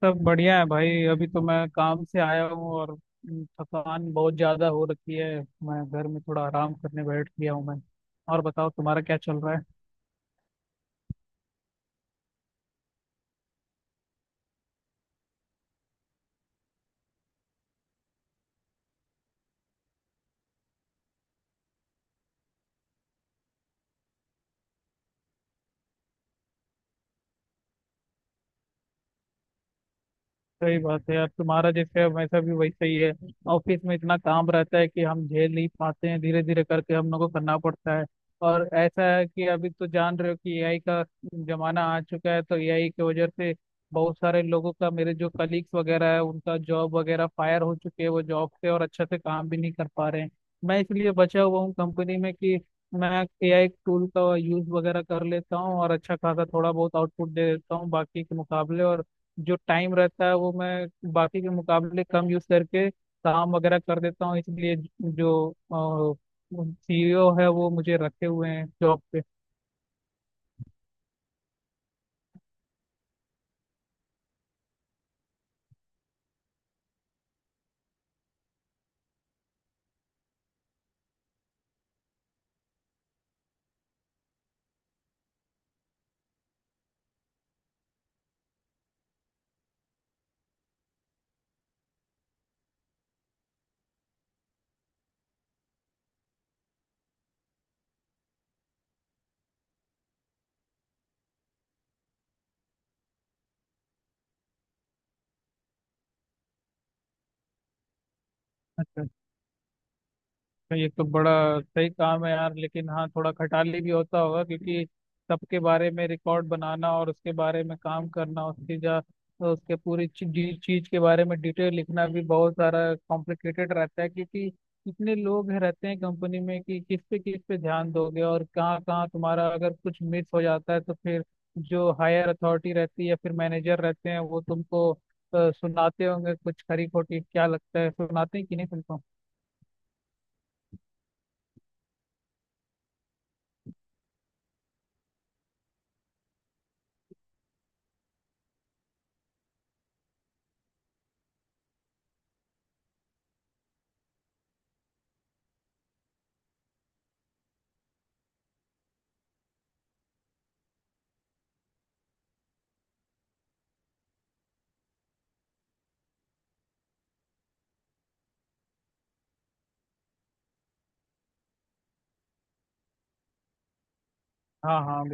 सब बढ़िया है भाई। अभी तो मैं काम से आया हूँ और थकान बहुत ज्यादा हो रखी है। मैं घर में थोड़ा आराम करने बैठ गया हूँ। मैं और बताओ तुम्हारा क्या चल रहा है। सही बात है यार, तुम्हारा जैसे वैसा भी वैसा ही है। ऑफिस में इतना काम रहता है कि हम झेल नहीं पाते हैं, धीरे धीरे करके हम लोग को करना पड़ता है। और ऐसा है कि अभी तो जान रहे हो कि एआई का जमाना आ चुका है। तो एआई की वजह से बहुत सारे लोगों का, मेरे जो कलीग्स वगैरह है, उनका जॉब वगैरह फायर हो चुके हैं वो जॉब से, और अच्छे से काम भी नहीं कर पा रहे हैं। मैं इसलिए बचा हुआ हूँ कंपनी में कि मैं एआई टूल का यूज वगैरह कर लेता हूँ और अच्छा खासा थोड़ा बहुत आउटपुट दे देता हूँ बाकी के मुकाबले। और जो टाइम रहता है वो मैं बाकी के मुकाबले कम यूज करके काम वगैरह कर देता हूँ, इसलिए जो सीईओ है वो मुझे रखे हुए हैं जॉब पे। अच्छा, तो ये तो बड़ा सही काम है यार। लेकिन हाँ, थोड़ा खटाली भी होता होगा क्योंकि सबके बारे में रिकॉर्ड बनाना और उसके बारे में काम करना, उसकी जा उसके पूरी चीज चीज के बारे में डिटेल लिखना भी बहुत सारा कॉम्प्लिकेटेड रहता है। क्योंकि इतने रहते हैं कंपनी में कि किस पे ध्यान दोगे, और कहाँ कहाँ तुम्हारा अगर कुछ मिस हो जाता है तो फिर जो हायर अथॉरिटी रहती है या फिर मैनेजर रहते हैं, वो तुमको सुनाते होंगे कुछ खरी खोटी। क्या लगता है, सुनाते हैं कि नहीं तुमको। हाँ हाँ।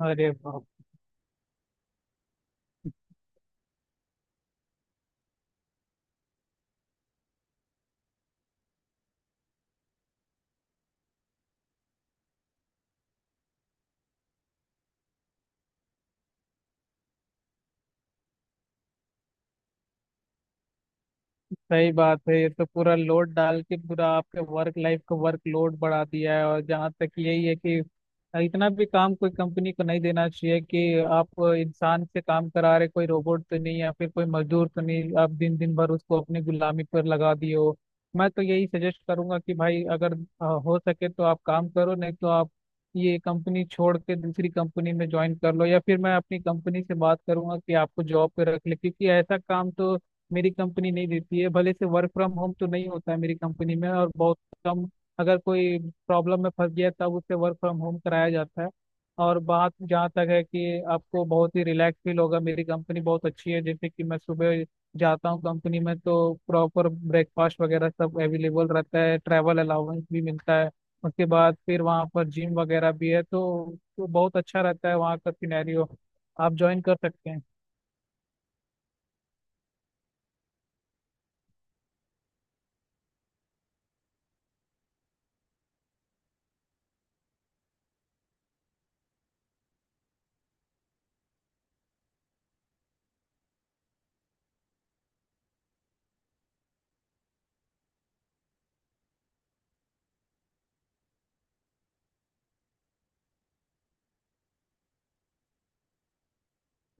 अरे बाप। सही बात है, ये तो पूरा लोड डाल के पूरा आपके वर्क लाइफ का वर्क लोड बढ़ा दिया है। और जहाँ तक यही है कि इतना भी काम कोई कंपनी को नहीं देना चाहिए कि आप इंसान से काम करा रहे। कोई रोबोट तो नहीं या फिर कोई मजदूर तो नहीं, आप दिन दिन भर उसको अपनी गुलामी पर लगा दिए हो। मैं तो यही सजेस्ट करूंगा कि भाई, अगर हो सके तो आप काम करो, नहीं तो आप ये कंपनी छोड़ के दूसरी कंपनी में ज्वाइन कर लो। या फिर मैं अपनी कंपनी से बात करूंगा कि आपको जॉब पे रख ले, क्योंकि ऐसा काम तो मेरी कंपनी नहीं देती है। भले से वर्क फ्रॉम होम तो नहीं होता है मेरी कंपनी में, और बहुत कम, अगर कोई प्रॉब्लम में फंस गया तब उससे वर्क फ्रॉम होम कराया जाता है। और बात जहाँ तक है कि आपको बहुत ही रिलैक्स फील होगा, मेरी कंपनी बहुत अच्छी है। जैसे कि मैं सुबह जाता हूँ कंपनी में तो प्रॉपर ब्रेकफास्ट वगैरह सब अवेलेबल रहता है, ट्रैवल अलाउंस भी मिलता है। उसके बाद फिर वहाँ पर जिम वगैरह भी है तो बहुत अच्छा रहता है वहाँ का सिनेरियो। आप ज्वाइन कर सकते हैं।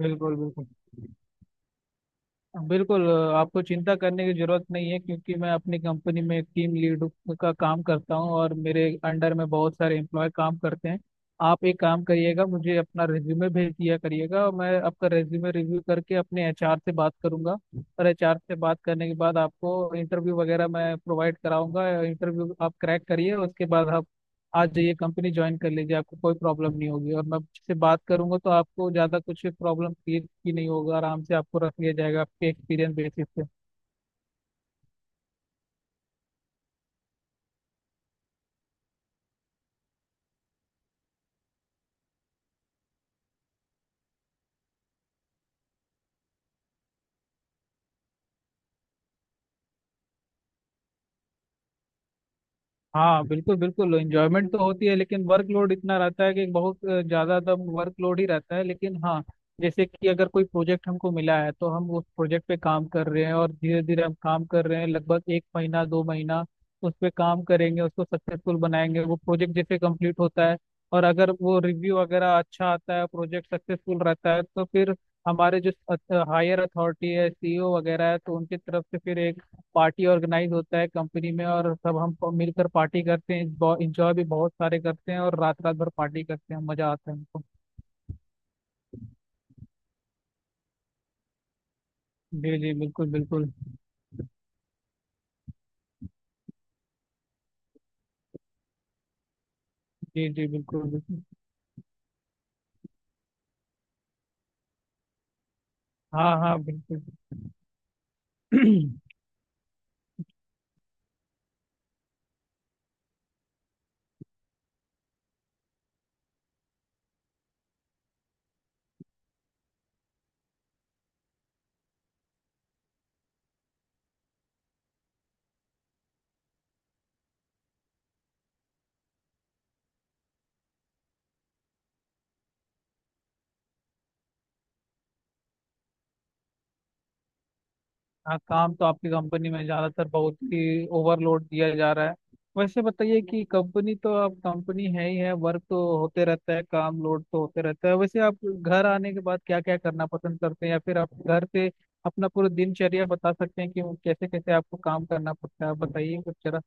बिल्कुल बिल्कुल। बिल्कुल। आपको चिंता करने की जरूरत नहीं है क्योंकि मैं अपनी कंपनी में टीम लीड का काम करता हूँ और मेरे अंडर में बहुत सारे एम्प्लॉय काम करते हैं। आप एक काम करिएगा, मुझे अपना रेज्यूमे भेज दिया करिएगा, और मैं आपका रेज्यूमे रिव्यू करके अपने एचआर से बात करूंगा। और एचआर से बात करने के बाद आपको इंटरव्यू वगैरह मैं प्रोवाइड कराऊंगा। इंटरव्यू आप क्रैक करिए, उसके बाद आप आ जाइए, कंपनी ज्वाइन कर लीजिए। आपको कोई प्रॉब्लम नहीं होगी, और मैं से बात करूंगा तो आपको ज़्यादा कुछ प्रॉब्लम क्रिएट की नहीं होगा, आराम से आपको रख लिया जाएगा आपके एक्सपीरियंस बेसिस पे। हाँ बिल्कुल बिल्कुल, एंजॉयमेंट तो होती है लेकिन वर्कलोड इतना रहता है कि बहुत ज्यादा दम वर्कलोड ही रहता है। लेकिन हाँ, जैसे कि अगर कोई प्रोजेक्ट हमको मिला है तो हम उस प्रोजेक्ट पे काम कर रहे हैं, और धीरे धीरे हम काम कर रहे हैं। लगभग एक महीना दो महीना उस पे काम करेंगे, उसको सक्सेसफुल बनाएंगे। वो प्रोजेक्ट जैसे कंप्लीट होता है और अगर वो रिव्यू वगैरह अच्छा आता है, प्रोजेक्ट सक्सेसफुल रहता है, तो फिर हमारे जो हायर अथॉरिटी है, सीईओ वगैरह है, तो उनकी तरफ से फिर एक पार्टी ऑर्गेनाइज होता है कंपनी में, और सब हम मिलकर पार्टी करते हैं, इंजॉय भी बहुत सारे करते हैं, और रात रात भर पार्टी करते हैं, मजा आता है हमको। जी जी बिल्कुल बिल्कुल। जी जी बिल्कुल बिल्कुल। हाँ हाँ बिल्कुल। हाँ, काम तो आपकी कंपनी में ज्यादातर बहुत ही ओवरलोड दिया जा रहा है। वैसे बताइए कि कंपनी तो आप, कंपनी है ही है, वर्क तो होते रहता है, काम लोड तो होते रहता है। वैसे आप घर आने के बाद क्या क्या करना पसंद करते हैं, या फिर आप घर से अपना पूरा दिनचर्या बता सकते हैं कि वो कैसे कैसे आपको काम करना पड़ता है। बताइए कुछ जरा।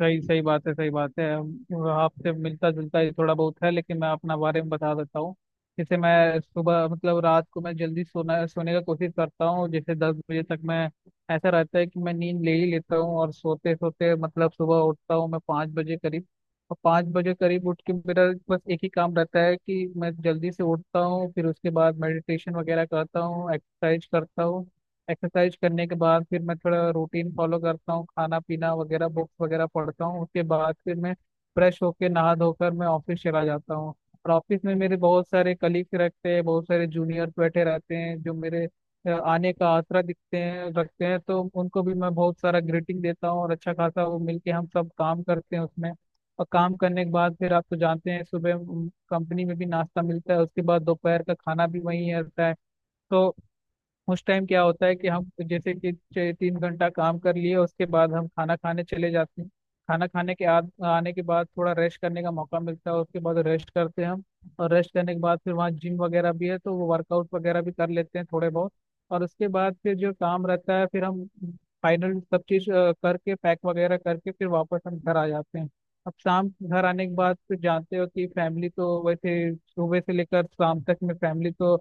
सही सही बात है, सही बात है। आपसे मिलता जुलता ही थोड़ा बहुत है, लेकिन मैं अपना बारे में बता देता हूँ। जैसे मैं सुबह मतलब रात को मैं जल्दी सोना सोने का कोशिश करता हूँ। जैसे 10 बजे तक मैं, ऐसा रहता है कि मैं नींद ले ही लेता हूँ। और सोते सोते मतलब सुबह उठता हूँ मैं 5 बजे करीब। और 5 बजे करीब उठ के मेरा बस एक ही काम रहता है कि मैं जल्दी से उठता हूँ, फिर उसके बाद मेडिटेशन वगैरह करता हूँ, एक्सरसाइज करता हूँ। एक्सरसाइज करने के बाद फिर मैं थोड़ा रूटीन फॉलो करता हूँ, खाना पीना वगैरह, बुक्स वगैरह पढ़ता हूँ। उसके बाद फिर मैं फ्रेश होके नहा धोकर मैं ऑफिस चला जाता हूँ। और ऑफिस में मेरे बहुत सारे कलीग्स रहते हैं, बहुत सारे जूनियर्स बैठे रहते हैं जो मेरे आने का आसरा दिखते हैं रखते हैं, तो उनको भी मैं बहुत सारा ग्रीटिंग देता हूँ, और अच्छा खासा वो मिलके हम सब काम करते हैं उसमें। और काम करने के बाद फिर आप तो जानते हैं, सुबह कंपनी में भी नाश्ता मिलता है, उसके बाद दोपहर का खाना भी वहीं रहता है। तो उस टाइम क्या होता है कि हम जैसे कि 3 घंटा काम कर लिए, उसके बाद हम खाना खाने चले जाते हैं। खाना खाने के आने के बाद थोड़ा रेस्ट करने का मौका मिलता है, उसके बाद रेस्ट करते हैं हम। और रेस्ट करने के बाद फिर वहाँ जिम वगैरह भी है तो वो वर्कआउट वगैरह भी कर लेते हैं थोड़े बहुत। और उसके बाद फिर जो काम रहता है फिर हम फाइनल सब चीज़ करके पैक वगैरह करके फिर वापस हम घर आ जाते हैं। अब शाम घर आने के बाद फिर जानते हो कि फैमिली तो, वैसे सुबह से लेकर शाम तक में फैमिली तो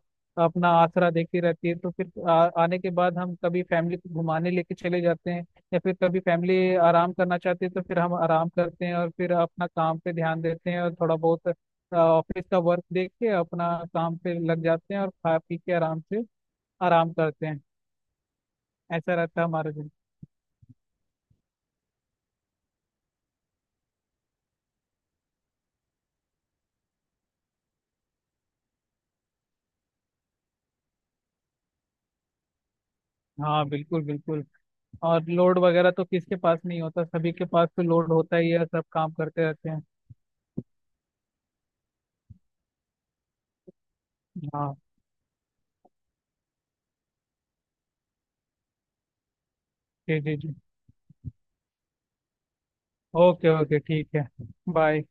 अपना आसरा देती रहती है, तो फिर आने के बाद हम कभी फैमिली को घुमाने लेके चले जाते हैं। या फिर कभी फैमिली आराम करना चाहती है तो फिर हम आराम करते हैं, और फिर अपना काम पे ध्यान देते हैं। और थोड़ा बहुत ऑफिस का वर्क देख के अपना काम पे लग जाते हैं, और खा पी के आराम से आराम करते हैं। ऐसा रहता है हमारा दिन। हाँ बिल्कुल बिल्कुल। और लोड वगैरह तो किसके पास नहीं होता, सभी के पास तो लोड होता ही है, सब काम करते रहते हैं। हाँ। जी जी जी। ओके ओके ठीक है। बाय।